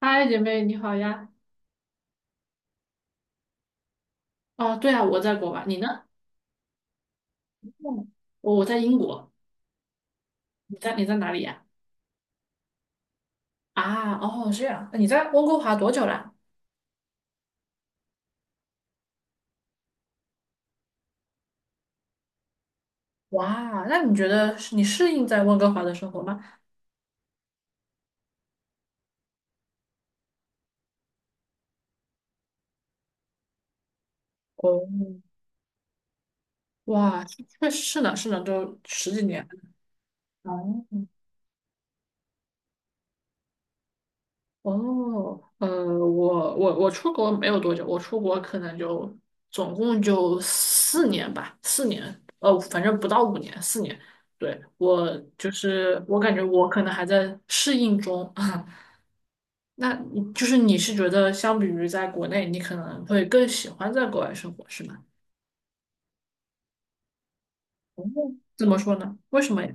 嗨，姐妹，你好呀！哦，对啊，我在国外，你呢？嗯，我在英国，你在哪里呀？啊，哦，这样，你在温哥华多久了？哇，那你觉得是你适应在温哥华的生活吗？哦，哇，确实是呢，是呢，都十几年。哦，哦，我出国没有多久，我出国可能就总共就四年吧，四年，反正不到5年，四年。对，我就是我感觉我可能还在适应中。那你就是你是觉得相比于在国内，你可能会更喜欢在国外生活，是吗？哦怎么说呢？为什么呀？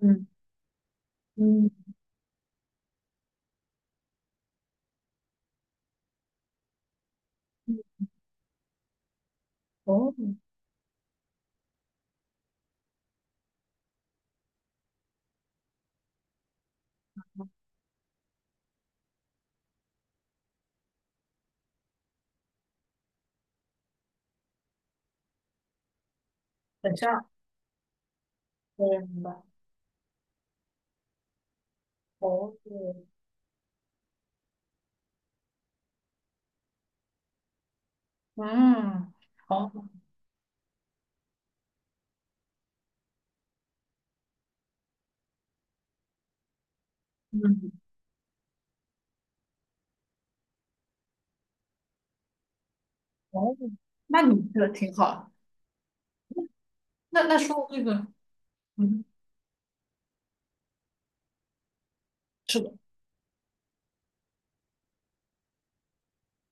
嗯嗯嗯，哦，等一下，我也明白。哦，嗯，哦，嗯哦，那你这个挺好。那说到这个，嗯，是的，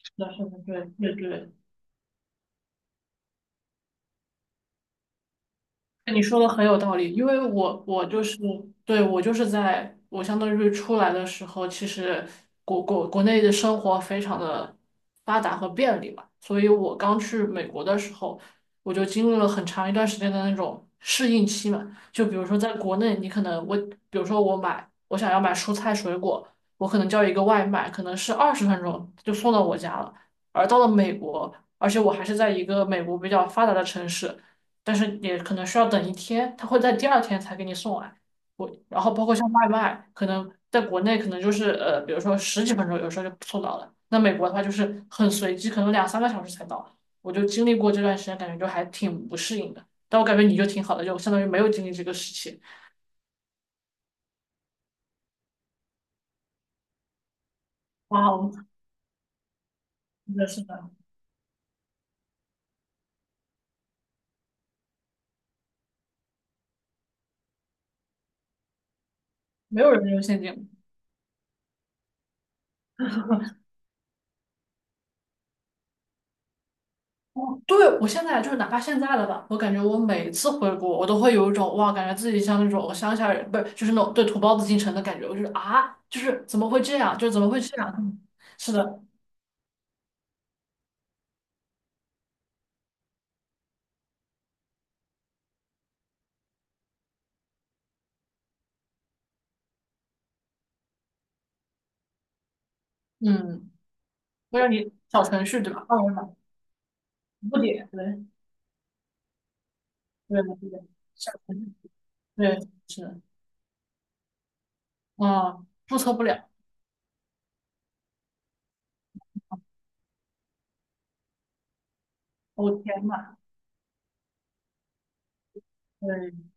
是的，是的，对对对，你说的很有道理，因为我就是对我就是在我相当于出来的时候，其实国内的生活非常的发达和便利嘛，所以我刚去美国的时候，我就经历了很长一段时间的那种适应期嘛。就比如说在国内，你可能我比如说我想要买蔬菜水果，我可能叫一个外卖，可能是20分钟就送到我家了。而到了美国，而且我还是在一个美国比较发达的城市。但是也可能需要等一天，他会在第二天才给你送来。我然后包括像外卖，可能在国内可能就是比如说十几分钟，有时候就送到了。那美国的话就是很随机，可能两三个小时才到。我就经历过这段时间，感觉就还挺不适应的。但我感觉你就挺好的，就相当于没有经历这个时期。哇哦，是的，是的，没有人用现金。哦，对，我现在就是哪怕现在了吧，我感觉我每次回国，我都会有一种哇，感觉自己像那种乡下人，不是，就是那种对土包子进城的感觉。我就是啊，就是怎么会这样？就是怎么会这样？嗯是的，嗯，会让你小程序对吧？二维码不点，对，对对，对小程序，对，是的，啊，注册不了，我天呐，对。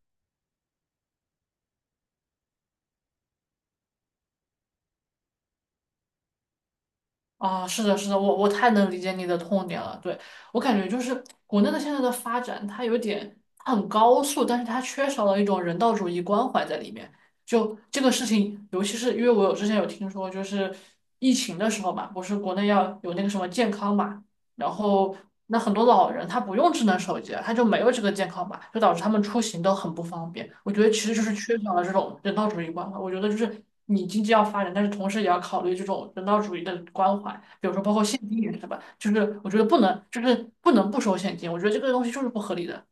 啊，是的，是的，我太能理解你的痛点了。对，我感觉就是国内的现在的发展，它有点它很高速，但是它缺少了一种人道主义关怀在里面。就这个事情，尤其是因为我有之前有听说，就是疫情的时候嘛，不是国内要有那个什么健康嘛。然后那很多老人他不用智能手机，他就没有这个健康码，就导致他们出行都很不方便。我觉得其实就是缺少了这种人道主义关怀。我觉得就是你经济要发展，但是同时也要考虑这种人道主义的关怀，比如说包括现金也是吧，就是我觉得不能就是不能不收现金，我觉得这个东西就是不合理的。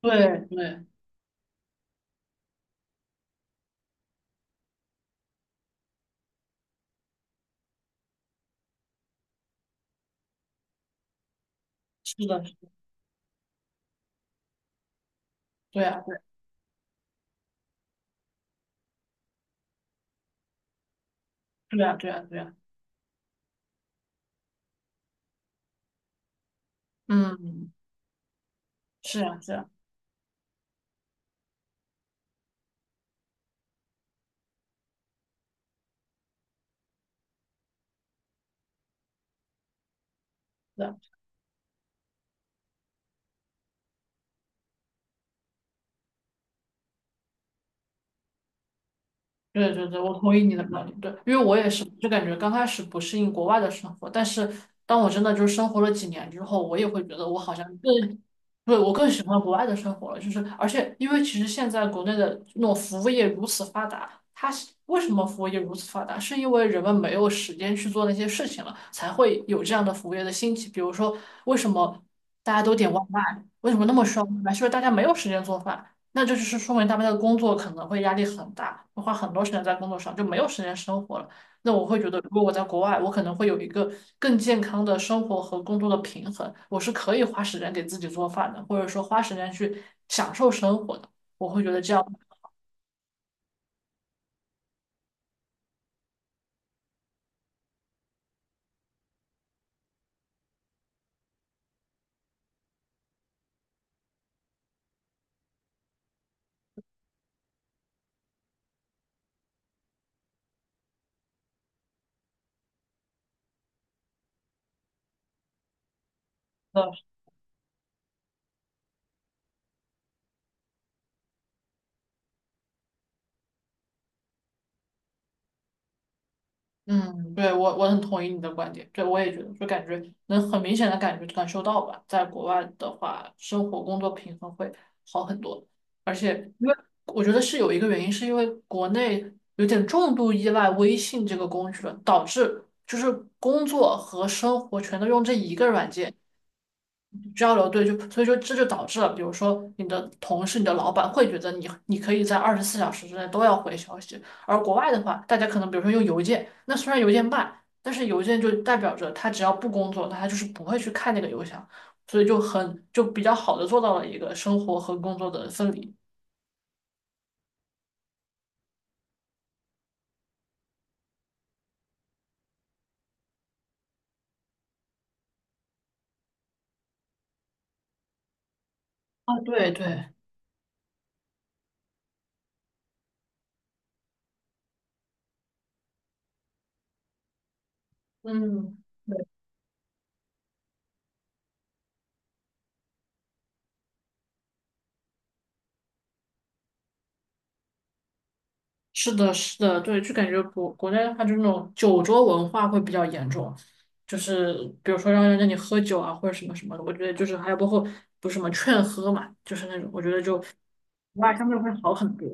对对，是的，对呀，对呀，对呀，对啊，嗯，是啊，是啊，是啊。对对对，我同意你的观点。对，因为我也是，就感觉刚开始不适应国外的生活，但是当我真的就是生活了几年之后，我也会觉得我好像更，对，我更喜欢国外的生活了。就是而且因为其实现在国内的那种服务业如此发达，它是为什么服务业如此发达？是因为人们没有时间去做那些事情了，才会有这样的服务业的兴起。比如说，为什么大家都点外卖？为什么那么需要外卖？是因为大家没有时间做饭。那这就是说明他们的工作可能会压力很大，会花很多时间在工作上，就没有时间生活了。那我会觉得，如果我在国外，我可能会有一个更健康的生活和工作的平衡，我是可以花时间给自己做饭的，或者说花时间去享受生活的。我会觉得这样，呃嗯，对，我很同意你的观点，对，我也觉得，就感觉能很明显的感受到吧，在国外的话，生活工作平衡会好很多，而且因为我觉得是有一个原因，是因为国内有点重度依赖微信这个工具了，导致就是工作和生活全都用这一个软件。交流，对，就所以说这就导致了，比如说你的同事、你的老板会觉得你可以在24小时之内都要回消息，而国外的话，大家可能比如说用邮件，那虽然邮件慢，但是邮件就代表着他只要不工作，他就是不会去看那个邮箱，所以就很就比较好的做到了一个生活和工作的分离。啊，对对，嗯。是的，是的，对，就感觉国国内的话，就那种酒桌文化会比较严重，就是比如说让人让你喝酒啊，或者什么什么的，我觉得就是还有包括不是什么劝喝嘛，就是那种，我觉得就国外相对会好很多。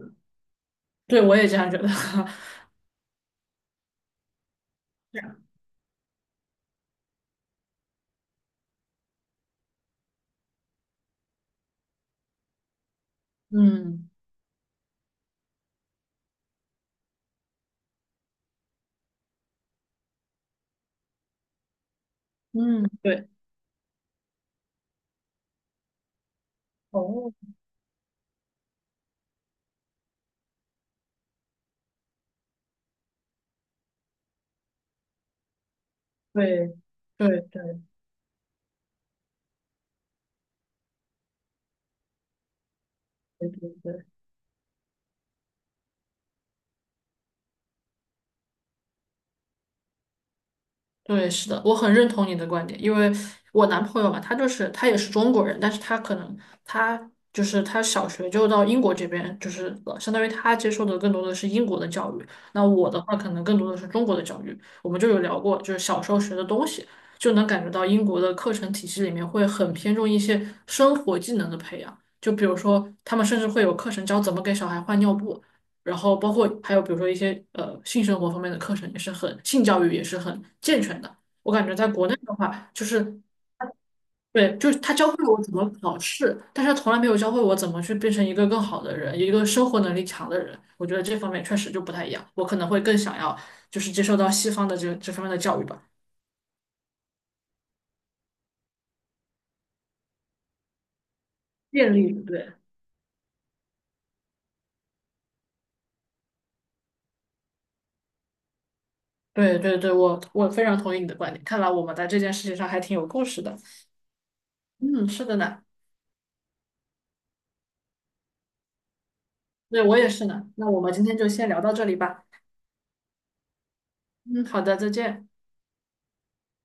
对，我也这样觉得。是啊嗯嗯，对，哦，对对对对对对。对，是的，我很认同你的观点，因为我男朋友嘛，他也是中国人，但是他可能他就是他小学就到英国这边，就是相当于他接受的更多的是英国的教育，那我的话可能更多的是中国的教育。我们就有聊过，就是小时候学的东西，就能感觉到英国的课程体系里面会很偏重一些生活技能的培养，就比如说他们甚至会有课程教怎么给小孩换尿布。然后包括还有比如说一些性生活方面的课程也是很性教育也是很健全的。我感觉在国内的话，就是对，就是他教会了我怎么考试，但是他从来没有教会我怎么去变成一个更好的人，一个生活能力强的人。我觉得这方面确实就不太一样，我可能会更想要就是接受到西方的这方面的教育吧，建立对。对对对，我非常同意你的观点。看来我们在这件事情上还挺有共识的。嗯，是的呢，对我也是呢。那我们今天就先聊到这里吧。嗯，好的，再见。